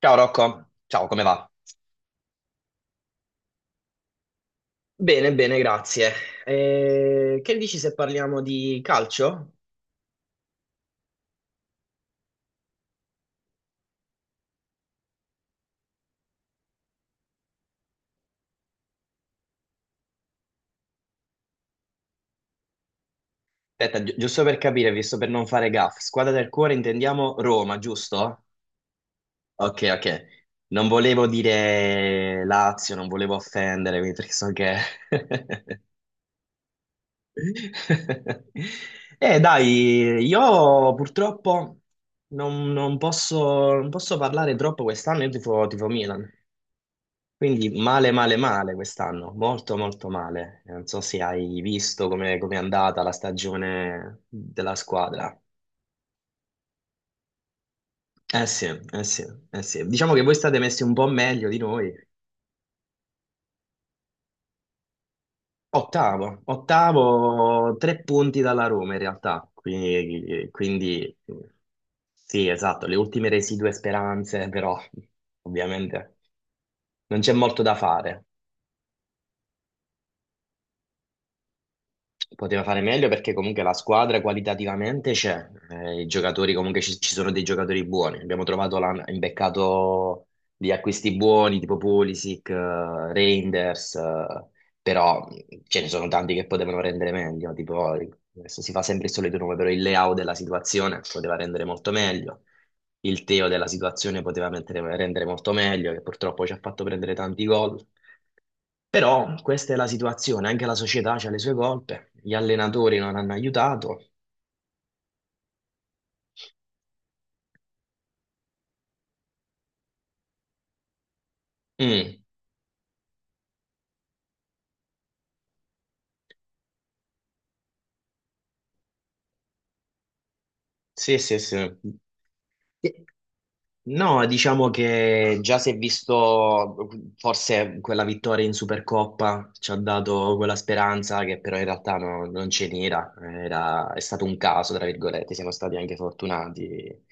Ciao Rocco, ciao, come va? Bene, bene, grazie. Che dici se parliamo di calcio? Aspetta, giusto per capire, visto per non fare gaff, squadra del cuore intendiamo Roma, giusto? Ok, ok. Non volevo dire Lazio, non volevo offendere, quindi perché so che... dai, io purtroppo non posso parlare troppo quest'anno, io tifo Milan. Quindi male, male, male quest'anno, molto, molto male. Non so se hai visto come è andata la stagione della squadra. Eh sì, eh sì, eh sì. Diciamo che voi state messi un po' meglio di noi. Ottavo, ottavo, tre punti dalla Roma in realtà. Quindi sì, esatto, le ultime residue speranze, però ovviamente non c'è molto da fare. Poteva fare meglio perché comunque la squadra qualitativamente c'è, i giocatori comunque ci sono dei giocatori buoni. Abbiamo trovato, l'hanno imbeccato di acquisti buoni tipo Pulisic, Reinders, però ce ne sono tanti che potevano rendere meglio. Tipo, adesso si fa sempre il solito nome, però il Leao della situazione poteva rendere molto meglio. Il Teo della situazione poteva rendere molto meglio, che purtroppo ci ha fatto prendere tanti gol. Però questa è la situazione, anche la società ha le sue colpe, gli allenatori non hanno aiutato. Mm, sì, sì, sì. Sì. No, diciamo che già si è visto, forse quella vittoria in Supercoppa ci ha dato quella speranza che però in realtà non ce n'era. È stato un caso, tra virgolette, siamo stati anche fortunati.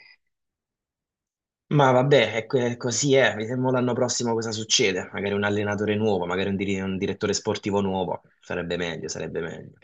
Ma vabbè, così è, vediamo l'anno prossimo cosa succede, magari un allenatore nuovo, magari un direttore sportivo nuovo, sarebbe meglio, sarebbe meglio.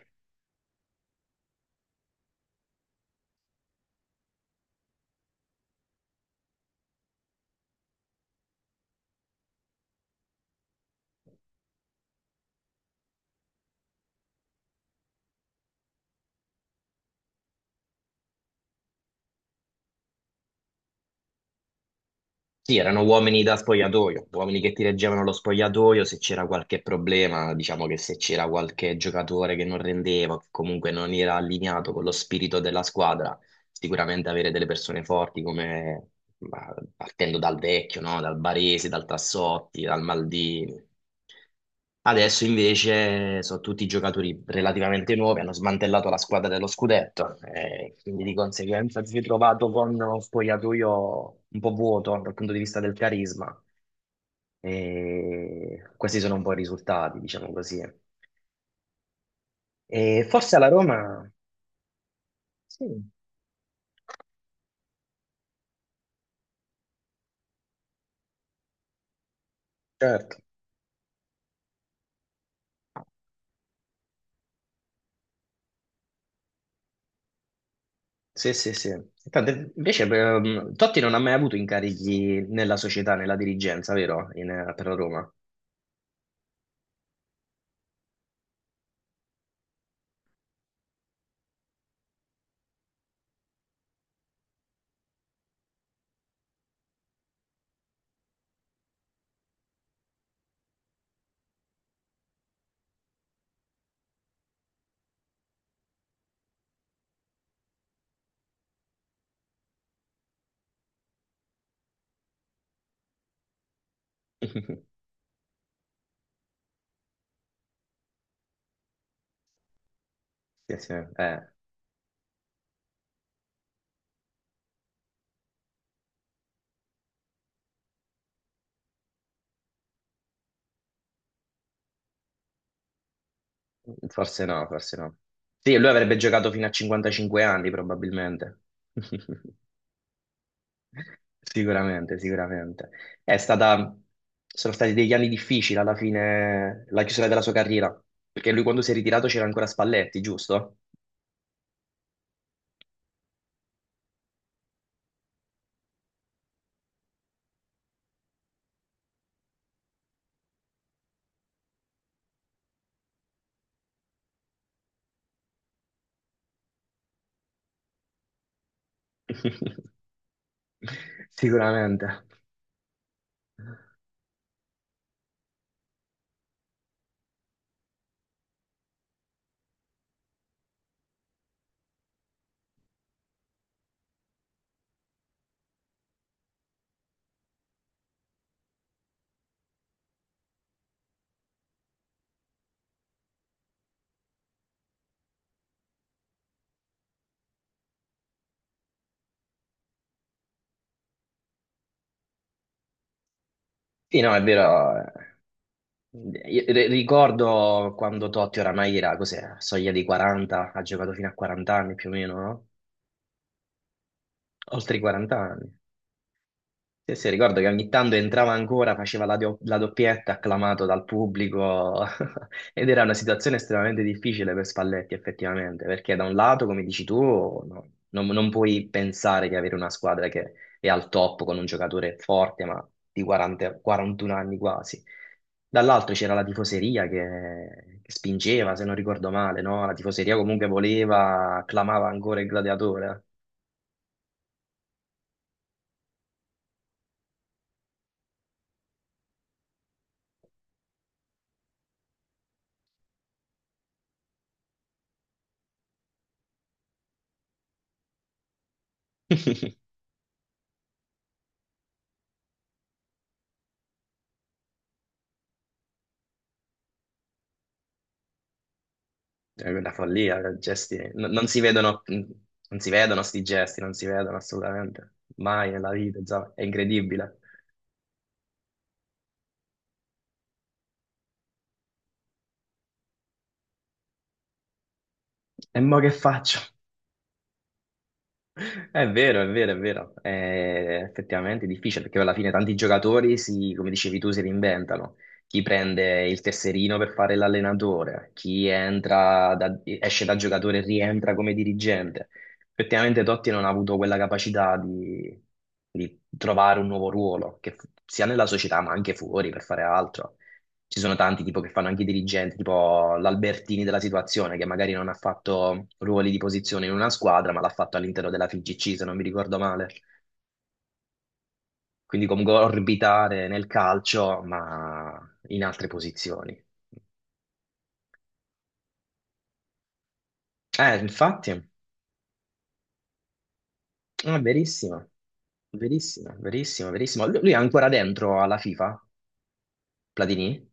Sì, erano uomini da spogliatoio, uomini che ti reggevano lo spogliatoio se c'era qualche problema, diciamo che se c'era qualche giocatore che non rendeva, che comunque non era allineato con lo spirito della squadra. Sicuramente avere delle persone forti come ma, partendo dal Vecchio, no? Dal Baresi, dal Tassotti, dal Maldini. Adesso invece sono tutti giocatori relativamente nuovi, hanno smantellato la squadra dello scudetto, e quindi di conseguenza si è trovato con uno spogliatoio un po' vuoto dal punto di vista del carisma. E questi sono un po' i risultati, diciamo così. E forse alla Roma, sì, certo. Sì, sì, sì. Tanto, invece Totti non ha mai avuto incarichi nella società, nella dirigenza, vero? Per la Roma. Sì, sì, forse no, forse no. Sì, lui avrebbe giocato fino a 55 anni probabilmente. Sicuramente, sicuramente. È stata, sono stati degli anni difficili alla fine, la chiusura della sua carriera, perché lui quando si è ritirato c'era ancora Spalletti, giusto? Sicuramente. Sì, no, è vero. Ricordo quando Totti oramai era, cos'era, soglia dei 40, ha giocato fino a 40 anni più o meno, no? Oltre i 40 anni. Sì, sì, ricordo che ogni tanto entrava ancora, faceva la doppietta, acclamato dal pubblico, ed era una situazione estremamente difficile per Spalletti, effettivamente, perché da un lato, come dici tu, no, non puoi pensare di avere una squadra che è al top con un giocatore forte, ma di 40 41 anni quasi. Dall'altro c'era la tifoseria che spingeva, se non ricordo male, no? La tifoseria comunque voleva, clamava ancora il gladiatore. È una follia, gesti. Non si vedono, non si vedono sti gesti, non si vedono assolutamente. Mai nella vita, insomma, è incredibile. E mo che faccio? È vero, è vero, è vero. È effettivamente difficile perché alla fine tanti giocatori si, come dicevi tu, si reinventano. Chi prende il tesserino per fare l'allenatore, chi esce da giocatore e rientra come dirigente. Effettivamente Totti non ha avuto quella capacità di trovare un nuovo ruolo, che sia nella società ma anche fuori per fare altro. Ci sono tanti tipo che fanno anche i dirigenti, tipo l'Albertini della situazione, che magari non ha fatto ruoli di posizione in una squadra, ma l'ha fatto all'interno della FIGC, se non mi ricordo male. Quindi comunque orbitare nel calcio, ma in altre posizioni. Infatti, è verissimo, verissimo, verissimo, verissimo. Lui è ancora dentro alla FIFA, Platini?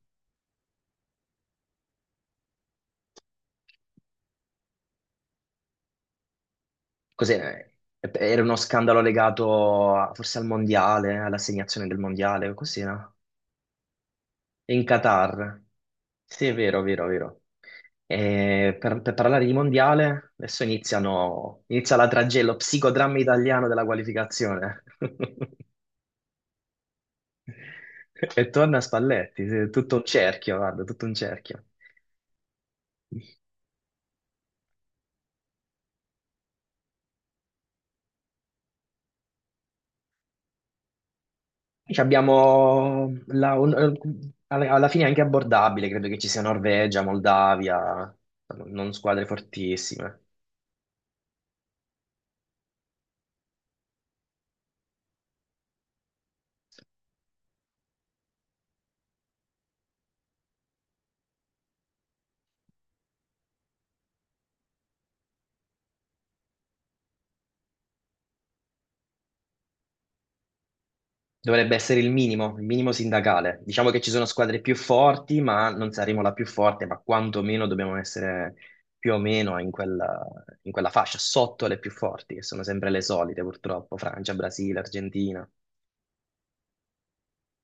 Cos'è? Era uno scandalo legato forse al mondiale, all'assegnazione del mondiale, così, no? In Qatar. Sì, è vero, vero, vero. E per parlare di mondiale, adesso inizia la tragella, psicodramma italiano della qualificazione. E torna Spalletti, sì, tutto un cerchio, guarda, tutto un cerchio. Ci abbiamo alla fine è anche abbordabile, credo che ci sia Norvegia, Moldavia, non squadre fortissime. Dovrebbe essere il minimo sindacale. Diciamo che ci sono squadre più forti, ma non saremo la più forte, ma quantomeno dobbiamo essere più o meno in quella, fascia, sotto le più forti, che sono sempre le solite, purtroppo, Francia, Brasile, Argentina.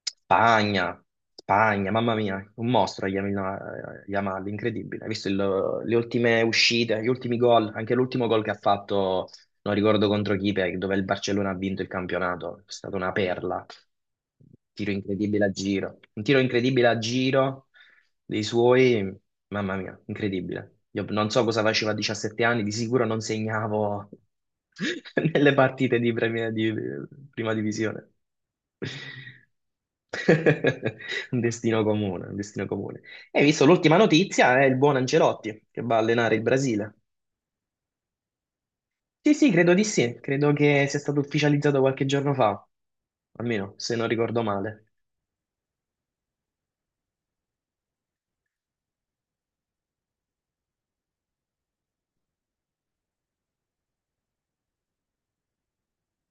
Spagna, Spagna, mamma mia, un mostro Yamal, Yamal, incredibile. Hai visto le ultime uscite, gli ultimi gol, anche l'ultimo gol che ha fatto, non ricordo contro chi, dove il Barcellona ha vinto il campionato, è stata una perla. Tiro incredibile a giro, un tiro incredibile a giro dei suoi, mamma mia, incredibile. Io non so cosa facevo a 17 anni, di sicuro non segnavo nelle partite di prima divisione. Un destino comune, un destino comune. E hai visto l'ultima notizia è il buon Ancelotti che va a allenare il Brasile. Sì, sì, credo di sì, credo che sia stato ufficializzato qualche giorno fa, almeno se non ricordo male.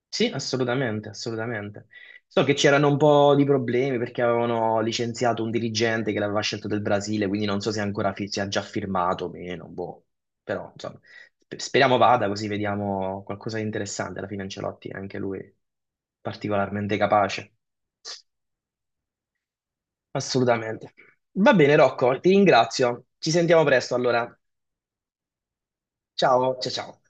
Sì, assolutamente, assolutamente. So che c'erano un po' di problemi perché avevano licenziato un dirigente che l'aveva scelto del Brasile, quindi non so se ancora si è già firmato o meno, boh. Però, insomma, speriamo vada così vediamo qualcosa di interessante. Alla fine Ancelotti è anche lui particolarmente capace. Assolutamente. Va bene, Rocco, ti ringrazio. Ci sentiamo presto allora. Ciao, ciao, ciao.